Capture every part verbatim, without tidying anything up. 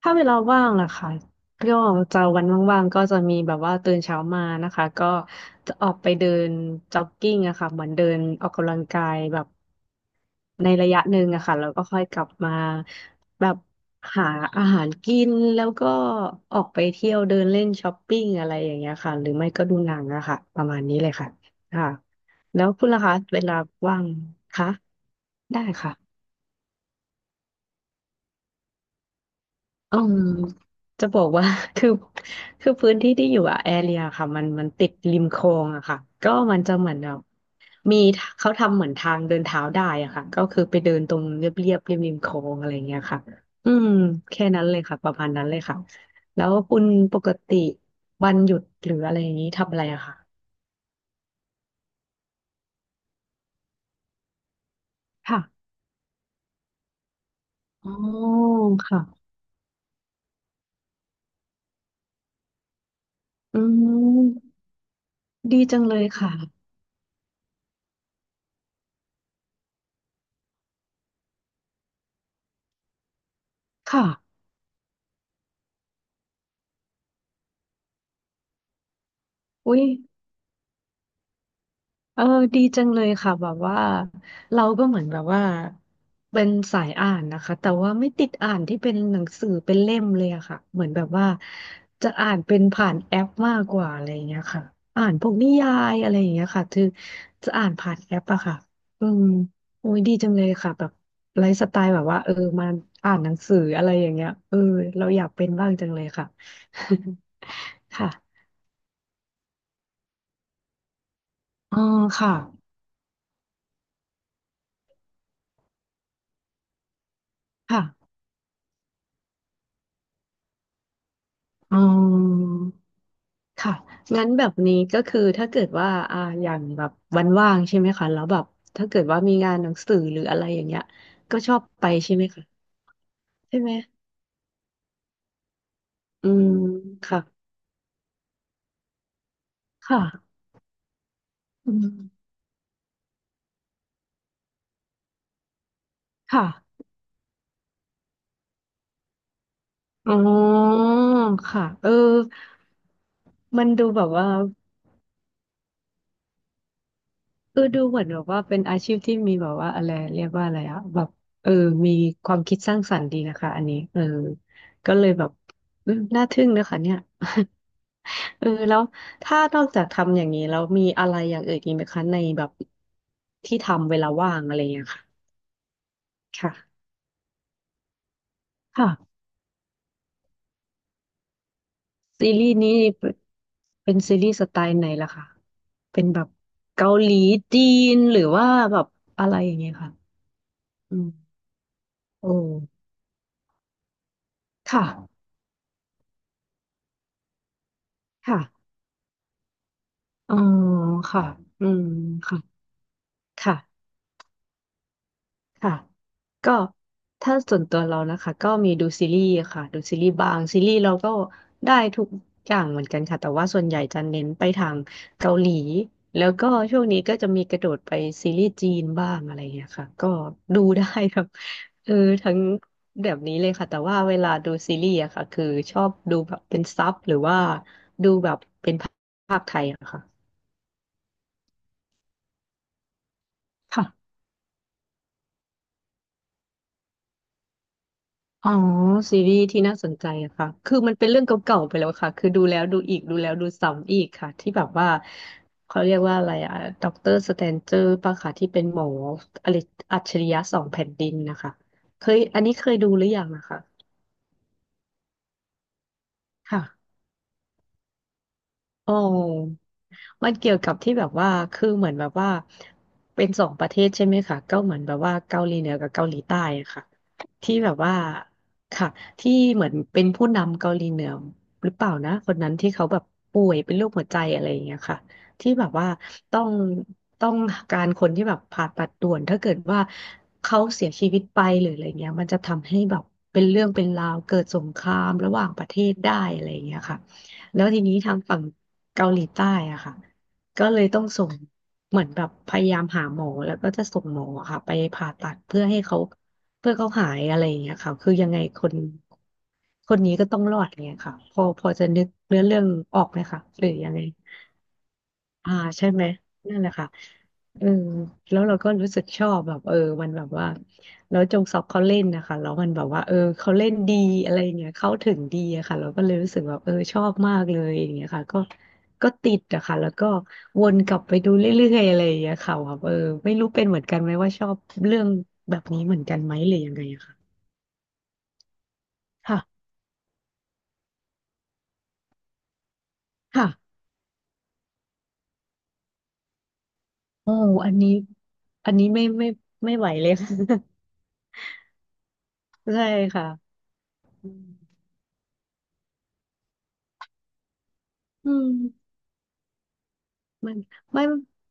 ถ้าเวลาว่างอะค่ะก็จะวันว่างๆก็จะมีแบบว่าตื่นเช้ามานะคะก็จะออกไปเดินจ็อกกิ้งอะค่ะเหมือนเดินออกกำลังกายแบบในระยะหนึ่งอะค่ะแล้วก็ค่อยกลับมาแบบหาอาหารกินแล้วก็ออกไปเที่ยวเดินเล่นช้อปปิ้งอะไรอย่างเงี้ยค่ะหรือไม่ก็ดูหนังอะค่ะประมาณนี้เลยค่ะค่ะแล้วคุณล่ะคะเวลาว่างคะได้ค่ะ อืมจะบอกว่า คือคือพื้นที่ที่อยู่อะแอเรียค่ะมันมันติดริมคลองอะค่ะก็มันจะเหมือนแบบมีเขาทำเหมือนทางเดินเท้าได้อะค่ะก็คือไปเดินตรงเรียบเรียบริมริมคลองอะไรเงี้ยค่ะอืมแค่นั้นเลยค่ะประมาณนั้นเลยค่ะแล้วคุณปกติวันหยุดหรืออะไรอย่างนี้ทำอะไรอะค่ะค่ะอ๋อค่ะอืมดีจังเลยค่ะค่ะอุ้ย เออดีจังเลยค่ะแบบว่าเราก็เหมือนแบบว่าเป็นสายอ่านนะคะแต่ว่าไม่ติดอ่านที่เป็นหนังสือเป็นเล่มเลยอะค่ะเหมือนแบบว่าจะอ่านเป็นผ่านแอปมากกว่าอะไรอย่างเงี้ยค่ะอ่านพวกนิยายอะไรอย่างเงี้ยค่ะคือจะอ่านผ่านแอปอะค่ะอืมโอ้ยดีจังเลยค่ะแบบไลฟ์สไตล์แบบว่าเออมาอ่านหนังสืออะไรอย่างเงี้ยเออเราอยากเป็นบ้างจังเลยค่ะ ค่ะอ๋อค่ะค่ะอ๋อ ค่ะงั้นแบบนี้ก็คือถ้าเกิดว่าอ่าอย่างแบบวันว่างใช่ไหมคะแล้วแบบถ้าเกิดว่ามีงานหนังสือหรืออะไรอย่างเงี้ยก็ชอบไปใช่ไหมคะใช่ไหมอืมค่ะค่ะอืมค่ะอ๋อค่ะเออมันดูแบบว่าเออดูเหมือนแบบว่าเป็นอาชีพที่มีแบบว่าอะไรเรียกว่าอะไรอะแบบเออมีความคิดสร้างสรรค์ดีนะคะอันนี้เออก็เลยแบบอืมน่าทึ่งนะคะเนี่ย เออแล้วถ้านอกจากทำอย่างนี้แล้วมีอะไรอย่างอื่นอีกไหมคะในแบบที่ทำเวลาว่างอะไรอย่างเงี้ยค่ะค่ะค่ะซีรีส์นี้เป็นเป็นซีรีส์สไตล์ไหนล่ะคะเป็นแบบเกาหลีจีนหรือว่าแบบอะไรอย่างเงี้ยค่ะอืมโอ้ค่ะค่ะอ๋อค่ะอืมค่ะค่ะ ค่ะก็ถ้าส่วนตัวเรานะคะก็มีดูซีรีส์ค่ะดูซีรีส์บางซีรีส์เราก็ได้ทุกอย่างเหมือนกันค่ะแต่ว่าส่วนใหญ่จะเน้นไปทางเกาหลีแล้วก็ช่วงนี้ก็จะมีกระโดดไปซีรีส์จีนบ้างอะไรเงี้ยค่ะก็ดูได้ครับ เออทั้งแบบนี้เลยค่ะแต่ว่าเวลาดูซีรีส์อะค่ะคือชอบดูแบบเป็นซับหรือว่าดูแบบเป็นภาคไทยอะค่ะค่ะ อ๋อซีรีส์ที่น่าสนใจอะค่ะคือมันเป็นเรื่องเก่าๆไปแล้วค่ะคือดูแล้วดูอีกดูแล้วดูซ้ำอีกค่ะที่แบบว่าเขาเรียกว่าอะไรอะด็อกเตอร์สแตนเจอร์ป่ะค่ะที่เป็นหมออะไรอัจฉริยะสองแผ่นดินนะคะเคยอันนี้เคยดูหรือยังนะคะค่ะอ๋อ มันเกี่ยวกับที่แบบว่าคือเหมือนแบบว่าเป็นสองประเทศใช่ไหมคะก็เหมือนแบบว่าเกาหลีเหนือกับเกาหลีใต้อะค่ะที่แบบว่าค่ะที่เหมือนเป็นผู้นำเกาหลีเหนือหรือเปล่านะคนนั้นที่เขาแบบป่วยเป็นโรคหัวใจอะไรอย่างเงี้ยค่ะที่แบบว่าต้องต้องการคนที่แบบผ่าตัดด่วนถ้าเกิดว่าเขาเสียชีวิตไปหรืออะไรเงี้ยมันจะทำให้แบบเป็นเรื่องเป็นราวเกิดสงครามระหว่างประเทศได้อะไรอย่างเงี้ยค่ะแล้วทีนี้ทางฝั่งเกาหลีใต้อะค่ะ ก็เลยต้องส่งเหมือนแบบพยายามหาหมอแล้วก็จะส่งหมอค่ะไปผ่าตัดเพื่อให้เขาเพื่อเขาหายอะไรอย่างเงี้ยค่ะคือยังไงคนคนนี้ก็ต้องรอดเนี่ยค่ะพอพอจะนึกเนื้อเรื่องออกไหมคะหรือยังไง อ่าใช่ไหมนั่นแหละค่ะเออแล้วเราก็รู้สึกชอบแบบเออมันแบบว่าแล้วจงซอกเขาเล่นนะคะแล้วมันแบบว่าเออเขาเล่นดีอะไรอย่างเงี้ยเข้าถึงดีอะค่ะเราก็เลยรู้สึกแบบเออชอบมากเลยอย่างเงี้ยค่ะก็ก็ติดอะค่ะแล้วก็วนกลับไปดูเรื่อยๆอะไรอย่างเงี้ยค่ะแบบเออไม่รู้เป็นเหมือนกันไหมว่าชอบเรื่องแบบนี้เหมือนกันไหมหรือยังไงอะค่ะค่ะค่ะโอ้อันนี้อันนี้ไม่ไม่ไม่ไหวเลย ค่ะ ใช่ค่ะอืม มันไม่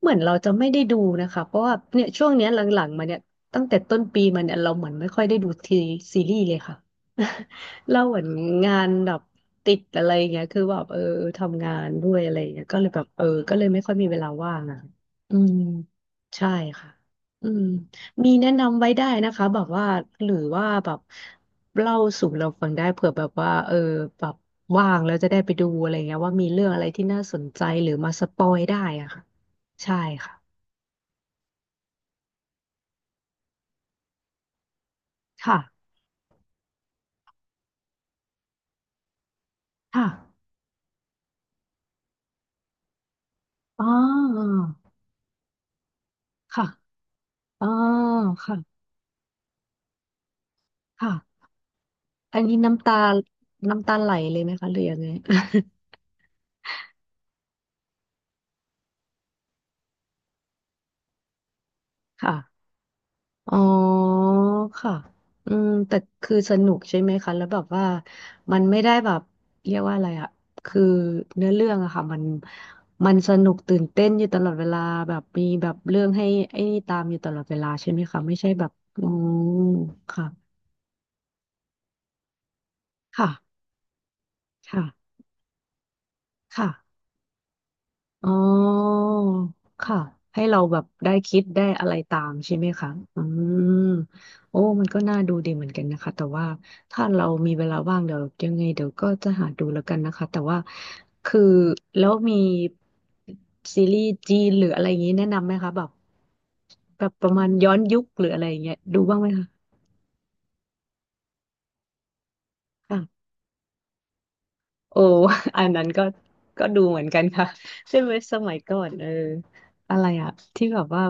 เหมือนเราจะไม่ได้ดูนะคะเพราะว่าเนี่ยช่วงเนี้ยหลังๆมาเนี่ยตั้งแต่ต้นปีมาเนี่ยเราเหมือนไม่ค่อยได้ดูทีซีรีส์เลยค่ะ เราเหมือนงานแบบติดอะไรอย่างเงี้ยคือแบบเออทำงานด้วยอะไรอย่างเงี้ยก็เลยแบบเออก็เลยไม่ค่อยมีเวลาว่างอะอืมใช่ค่ะอืม มีแนะนำไว้ได้นะคะแบบว่าหรือว่าแบบเล่าสู่เราฟังได้เผื่อแบบว่าเออแบบว่างแล้วจะได้ไปดูอะไรเงี้ยว่ามีเรื่องอะไรที่น่าสนใจหรือมาสปอยได้อะค่ะใช่ค่ะค่ะค่ะอ๋อค่ะอ๋อค่ะค่ะอันนี้น้ำตาน้ำตาไหลเลยไหมคะหรือยังไง ค่ะ อ๋อค่ะอืมแต่คือสนุกใช่ไหมคะแล้วแบบว่ามันไม่ได้แบบเรียกว่าอะไรอะคือเนื้อเรื่องอะค่ะมันมันสนุกตื่นเต้นอยู่ตลอดเวลาแบบมีแบบเรื่องให้ไอ้นี่ตามอยู่ตลอดเวลาใช่ไหมคะไม่ใช่แบบอืมค่ะค่ะค่ะค่ะ อ๋อค่ะให้เราแบบได้คิดได้อะไรตามใช่ไหมคะอืมโอ้มันก็น่าดูดีเหมือนกันนะคะ แต่ว่าถ้าเรามีเวลาว่างเดี๋ยวยังไงเดี๋ยวก็จะหาดูแล้วกันนะคะแต่ว่าคือแล้วมีซีรีส์จีนหรืออะไรอย่างนี้แนะนำไหมคะแบบแบบประมาณย้อนยุคหรืออะไรอย่างเงี้ยดูบ้างไหมคะค่ะโอ้ อันนั้นก็ก็ดูเหมือนกันค่ะ ใช่ไหมสมัยก่อนเอออะไรอะที่แบบว่า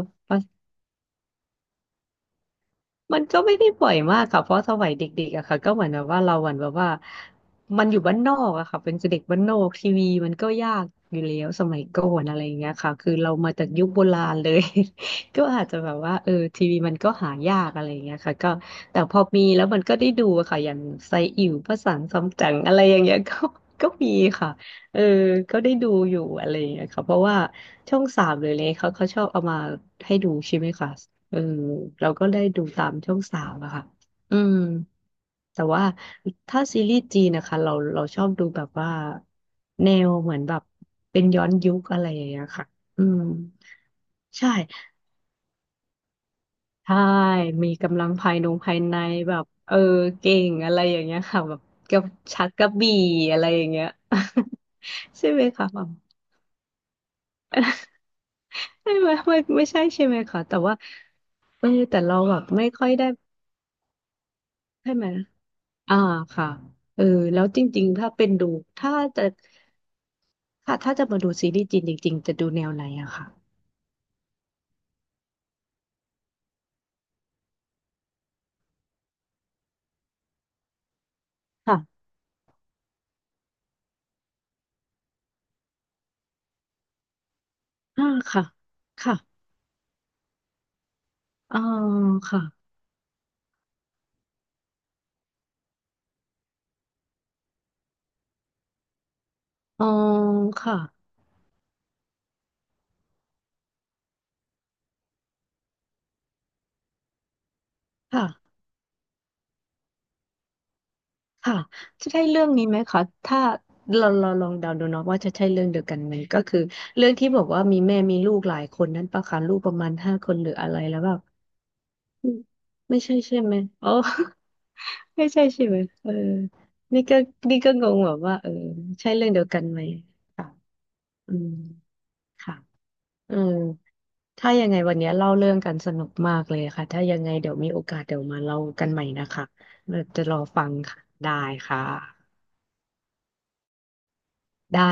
มันก็ไม่ได้บ่อยมากค่ะเพราะสมัยเด็กๆอะค่ะก็เหมือนแบบว่าเราเหมือนแบบว่ามันอยู่บ้านนอกอะค่ะเป็นเด็กบ้านนอกทีวีมันก็ยากอยู่แล้วสมัยก่อนอะไรอย่างเงี้ยค่ะคือเรามาจากยุคโบราณเลย ก็อาจจะแบบว่าเออทีวีมันก็หายากอะไรอย่างเงี้ยค่ะก็แต่พอมีแล้วมันก็ได้ดูอะค่ะอย่างไซอิ๋วพระสังสำจั๋งอะไรอย่างเงี้ย ก็ก็มีค่ะเออก็ได้ดูอยู่อะไรอย่างเงี้ยค่ะเพราะว่าช่องสามเลยเลยเขาเขาชอบเอามาให้ดูใช่ไหมคะ เออเราก็ได้ดูตามช่องสามอะค่ะอืมแต่ว่าถ้าซีรีส์จีนนะคะเราเราชอบดูแบบว่าแนวเหมือนแบบเป็นย้อนยุคอะไรอย่างเงี้ยค่ะอืมใช่ใช่มีกำลังภายนงภายในแบบเออเก่งอะไรอย่างเงี้ยค่ะแบบกับชักกระบี่อะไรอย่างเงี้ย ใช่ไหมคะแบบไม่ไม่ไม่ไม่ใช่ใช่ไหมคะแต่ว่าเออแต่เราแบบไม่ค่อยได้ใช่ไหม อ่าค่ะเออแล้วจริงๆถ้าเป็นดูถ้าจะค่ะถ้าจะมาดูซีรีส์จีนจริงๆจะดูแนวไหนอะค่ะค่ะอ่าค่ะค่ะอ๋อค่ะอ๋อค่ะค่ะค่ะจะใช่เรื่องนี้ไหมคะถ้าเราเราลองเดาดูเนาะว่าจะใช่เรื่องเดียวกันไหมก็คือเรื่องที่บอกว่ามีแม่มีลูกหลายคนนั้นปะคะลูกประมาณห้าคนหรืออะไรแล้วแบบอืมไม่ใช่ใช่ไหมอ๋อ ไม่ใช่ใช่ไหมเออนี่ก็นี่ก็งงแบบว่าเออใช่เรื่องเดียวกันไหมค่ะอืมค่ะเออถ้ายังไงวันนี้เล่าเรื่องกันสนุกมากเลยค่ะถ้ายังไงเดี๋ยวมีโอกาสเดี๋ยวมาเล่ากันใหม่นะคะเราจะรอฟังค่ะได้ค่ะได้